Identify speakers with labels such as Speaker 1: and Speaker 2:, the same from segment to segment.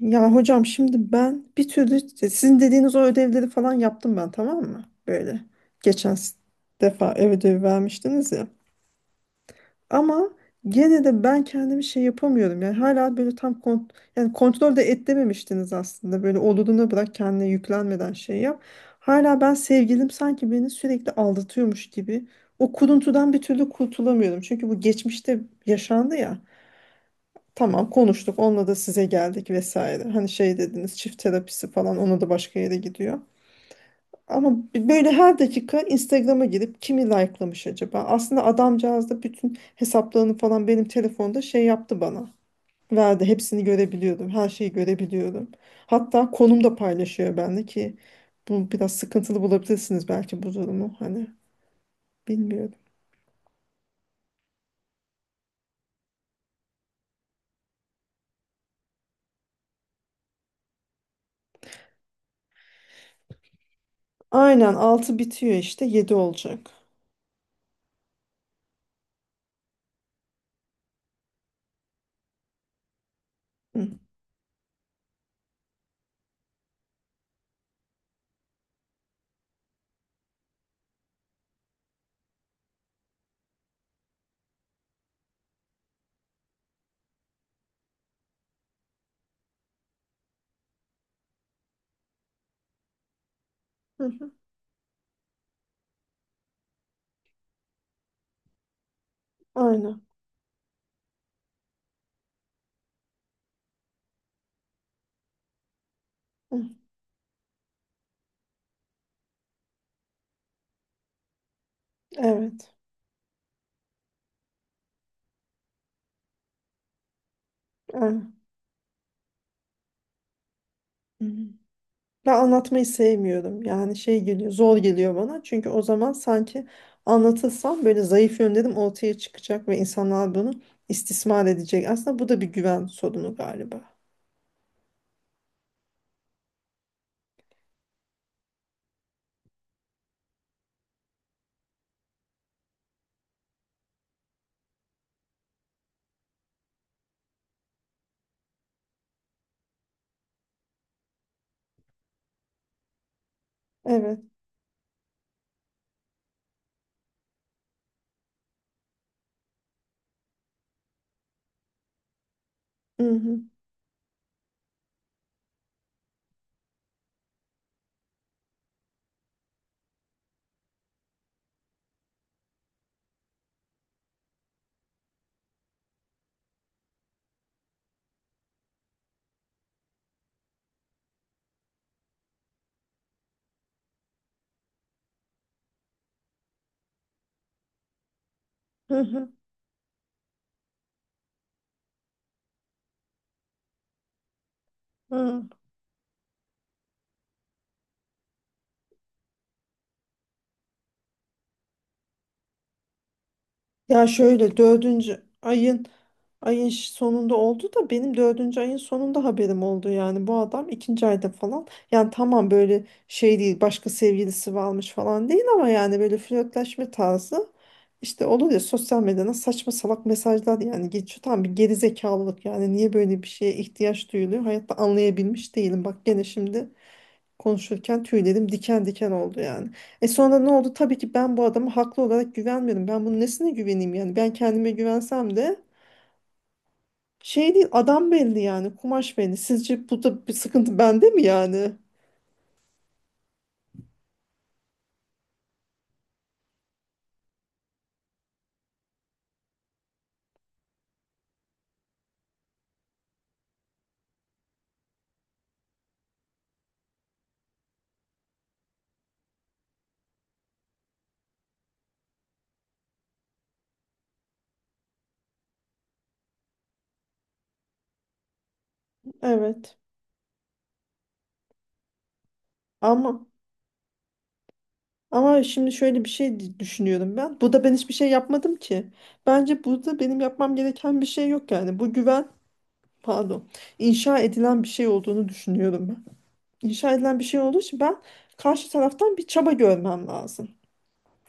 Speaker 1: Ya hocam, şimdi ben bir türlü sizin dediğiniz o ödevleri falan yaptım ben, tamam mı? Böyle geçen defa ev ödevi vermiştiniz ya. Ama gene de ben kendimi şey yapamıyorum. Yani hala böyle tam yani kontrol de etmemiştiniz aslında. Böyle olduğunu bırak, kendine yüklenmeden şey yap. Hala ben, sevgilim sanki beni sürekli aldatıyormuş gibi. O kuruntudan bir türlü kurtulamıyorum. Çünkü bu geçmişte yaşandı ya. Tamam, konuştuk onunla da, size geldik vesaire. Hani şey dediniz, çift terapisi falan, ona da başka yere gidiyor. Ama böyle her dakika Instagram'a girip kimi likelamış acaba? Aslında adamcağız da bütün hesaplarını falan benim telefonda şey yaptı bana. Verdi hepsini, görebiliyordum, her şeyi görebiliyordum. Hatta konum da paylaşıyor, bende ki bu biraz sıkıntılı bulabilirsiniz belki bu durumu, hani bilmiyorum. Aynen, 6 bitiyor, işte 7 olacak. Hı. Hı hı. Aynen. Hı. Evet. Evet. Hı hı. Ben anlatmayı sevmiyorum. Yani şey geliyor, zor geliyor bana. Çünkü o zaman sanki anlatırsam böyle zayıf yönlerim ortaya çıkacak ve insanlar bunu istismar edecek. Aslında bu da bir güven sorunu galiba. Evet. Hı hı, hı hı, hı. Ya şöyle, dördüncü ayın sonunda oldu da benim dördüncü ayın sonunda haberim oldu. Yani bu adam ikinci ayda falan, yani tamam böyle şey değil, başka sevgilisi varmış falan değil, ama yani böyle flörtleşme tarzı, işte olur ya, sosyal medyada saçma salak mesajlar. Yani geçiyor, tam bir gerizekalılık. Yani niye böyle bir şeye ihtiyaç duyuluyor hayatta, anlayabilmiş değilim. Bak gene şimdi konuşurken tüylerim diken diken oldu yani. E, sonra ne oldu? Tabii ki ben bu adama haklı olarak güvenmiyorum. Ben bunun nesine güveneyim yani? Ben kendime güvensem de şey değil, adam belli yani, kumaş belli. Sizce burada bir sıkıntı bende mi yani? Evet. Ama ama şimdi şöyle bir şey düşünüyorum ben. Burada ben hiçbir şey yapmadım ki. Bence burada benim yapmam gereken bir şey yok yani. Bu güven, pardon, inşa edilen bir şey olduğunu düşünüyorum ben. İnşa edilen bir şey olduğu için ben karşı taraftan bir çaba görmem lazım.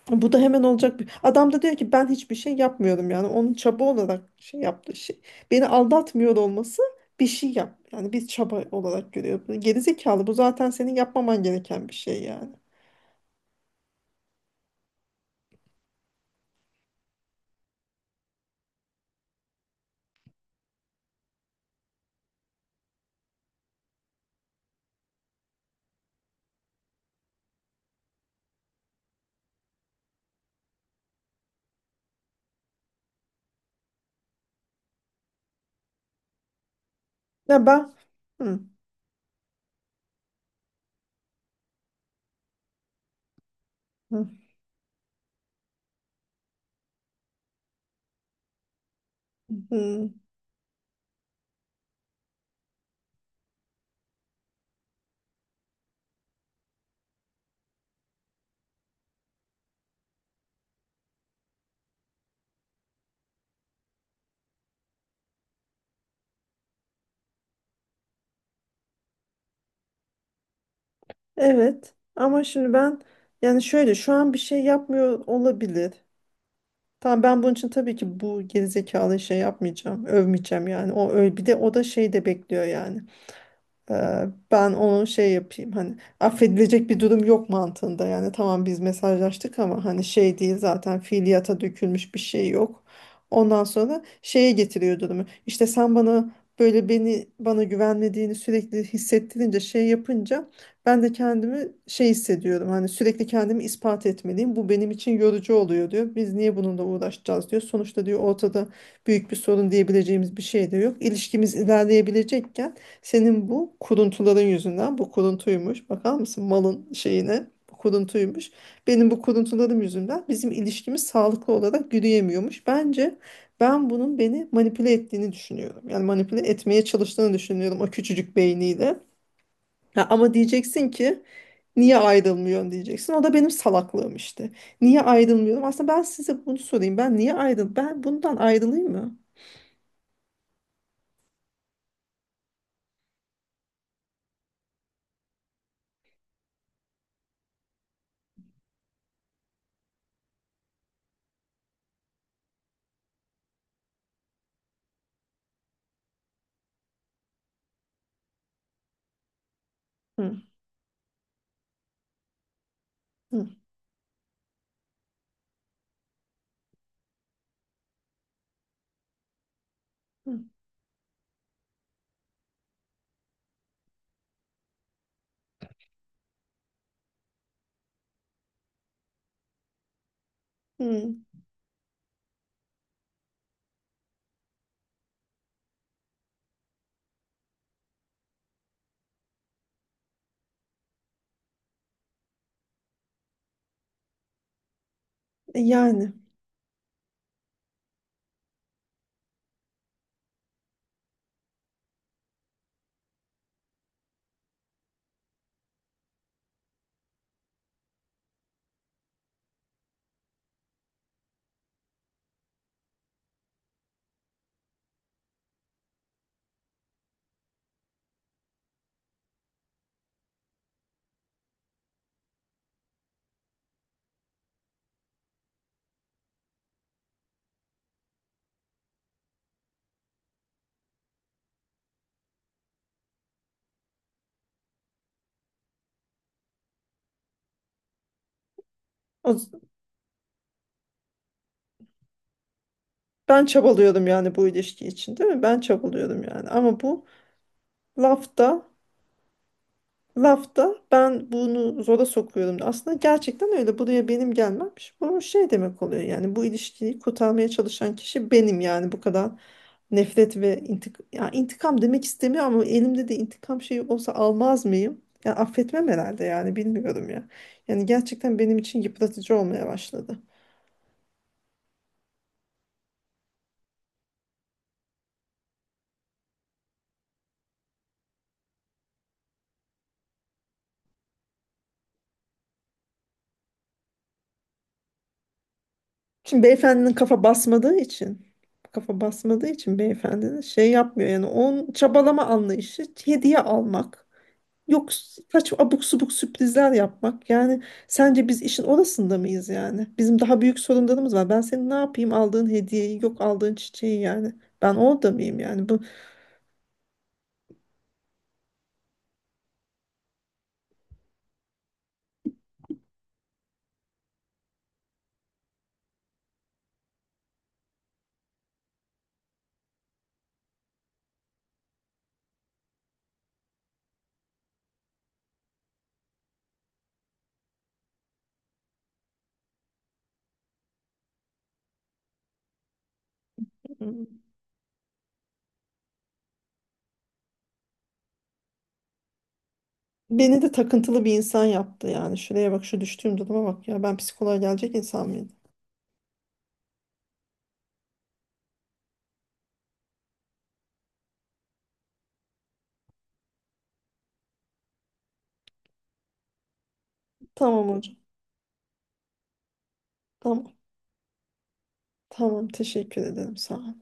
Speaker 1: Bu da hemen olacak bir. Adam da diyor ki, ben hiçbir şey yapmıyorum yani. Onun çaba olarak şey yaptığı şey. Beni aldatmıyor olması bir şey yap. Yani bir çaba olarak görüyor. Bu gerizekalı, bu zaten senin yapmaman gereken bir şey yani. Ya ben. Hı, hı, hı. Evet ama şimdi ben, yani şöyle, şu an bir şey yapmıyor olabilir. Tamam, ben bunun için tabii ki bu gerizekalı şey yapmayacağım. Övmeyeceğim yani. O öyle, bir de o da şey de bekliyor yani. Ben onun şey yapayım, hani affedilecek bir durum yok mantığında yani. Tamam biz mesajlaştık ama hani şey değil, zaten fiiliyata dökülmüş bir şey yok. Ondan sonra şeye getiriyor durumu. İşte sen bana böyle beni, bana güvenmediğini sürekli hissettirince, şey yapınca, ben de kendimi şey hissediyorum. Hani sürekli kendimi ispat etmeliyim. Bu benim için yorucu oluyor diyor. Biz niye bununla uğraşacağız diyor. Sonuçta diyor ortada büyük bir sorun diyebileceğimiz bir şey de yok. İlişkimiz ilerleyebilecekken senin bu kuruntuların yüzünden, bu kuruntuymuş. Bakar mısın malın şeyine, bu kuruntuymuş. Benim bu kuruntularım yüzünden bizim ilişkimiz sağlıklı olarak yürüyemiyormuş. Bence ben bunun beni manipüle ettiğini düşünüyorum. Yani manipüle etmeye çalıştığını düşünüyorum o küçücük beyniyle. Ha, ama diyeceksin ki niye ayrılmıyorsun diyeceksin. O da benim salaklığım işte. Niye ayrılmıyorum? Aslında ben size bunu sorayım. Ben niye ayrıl? Ben bundan ayrılayım mı? Hı, hı, hı, hı. E, yani. O Ben çabalıyordum yani bu ilişki için, değil mi? Ben çabalıyordum yani. Ama bu lafta lafta ben bunu zora sokuyordum. Aslında gerçekten öyle. Buraya benim gelmem. Bu şey demek oluyor yani, bu ilişkiyi kurtarmaya çalışan kişi benim yani. Bu kadar nefret ve ya intikam demek istemiyor ama elimde de intikam şeyi olsa almaz mıyım? Ya affetmem herhalde yani, bilmiyorum ya. Yani gerçekten benim için yıpratıcı olmaya başladı. Şimdi beyefendinin kafa basmadığı için beyefendinin şey yapmıyor yani. Onun çabalama anlayışı hediye almak, yok kaç abuk subuk sürprizler yapmak. Yani sence biz işin orasında mıyız yani? Bizim daha büyük sorunlarımız var. Ben senin ne yapayım aldığın hediyeyi, yok aldığın çiçeği, yani ben orada mıyım yani bu? Hmm. Beni de takıntılı bir insan yaptı yani. Şuraya bak, şu düştüğüm duruma bak ya. Ben psikoloğa gelecek insan mıydım? Tamam hocam. Tamam. Tamam, teşekkür ederim. Sağ ol.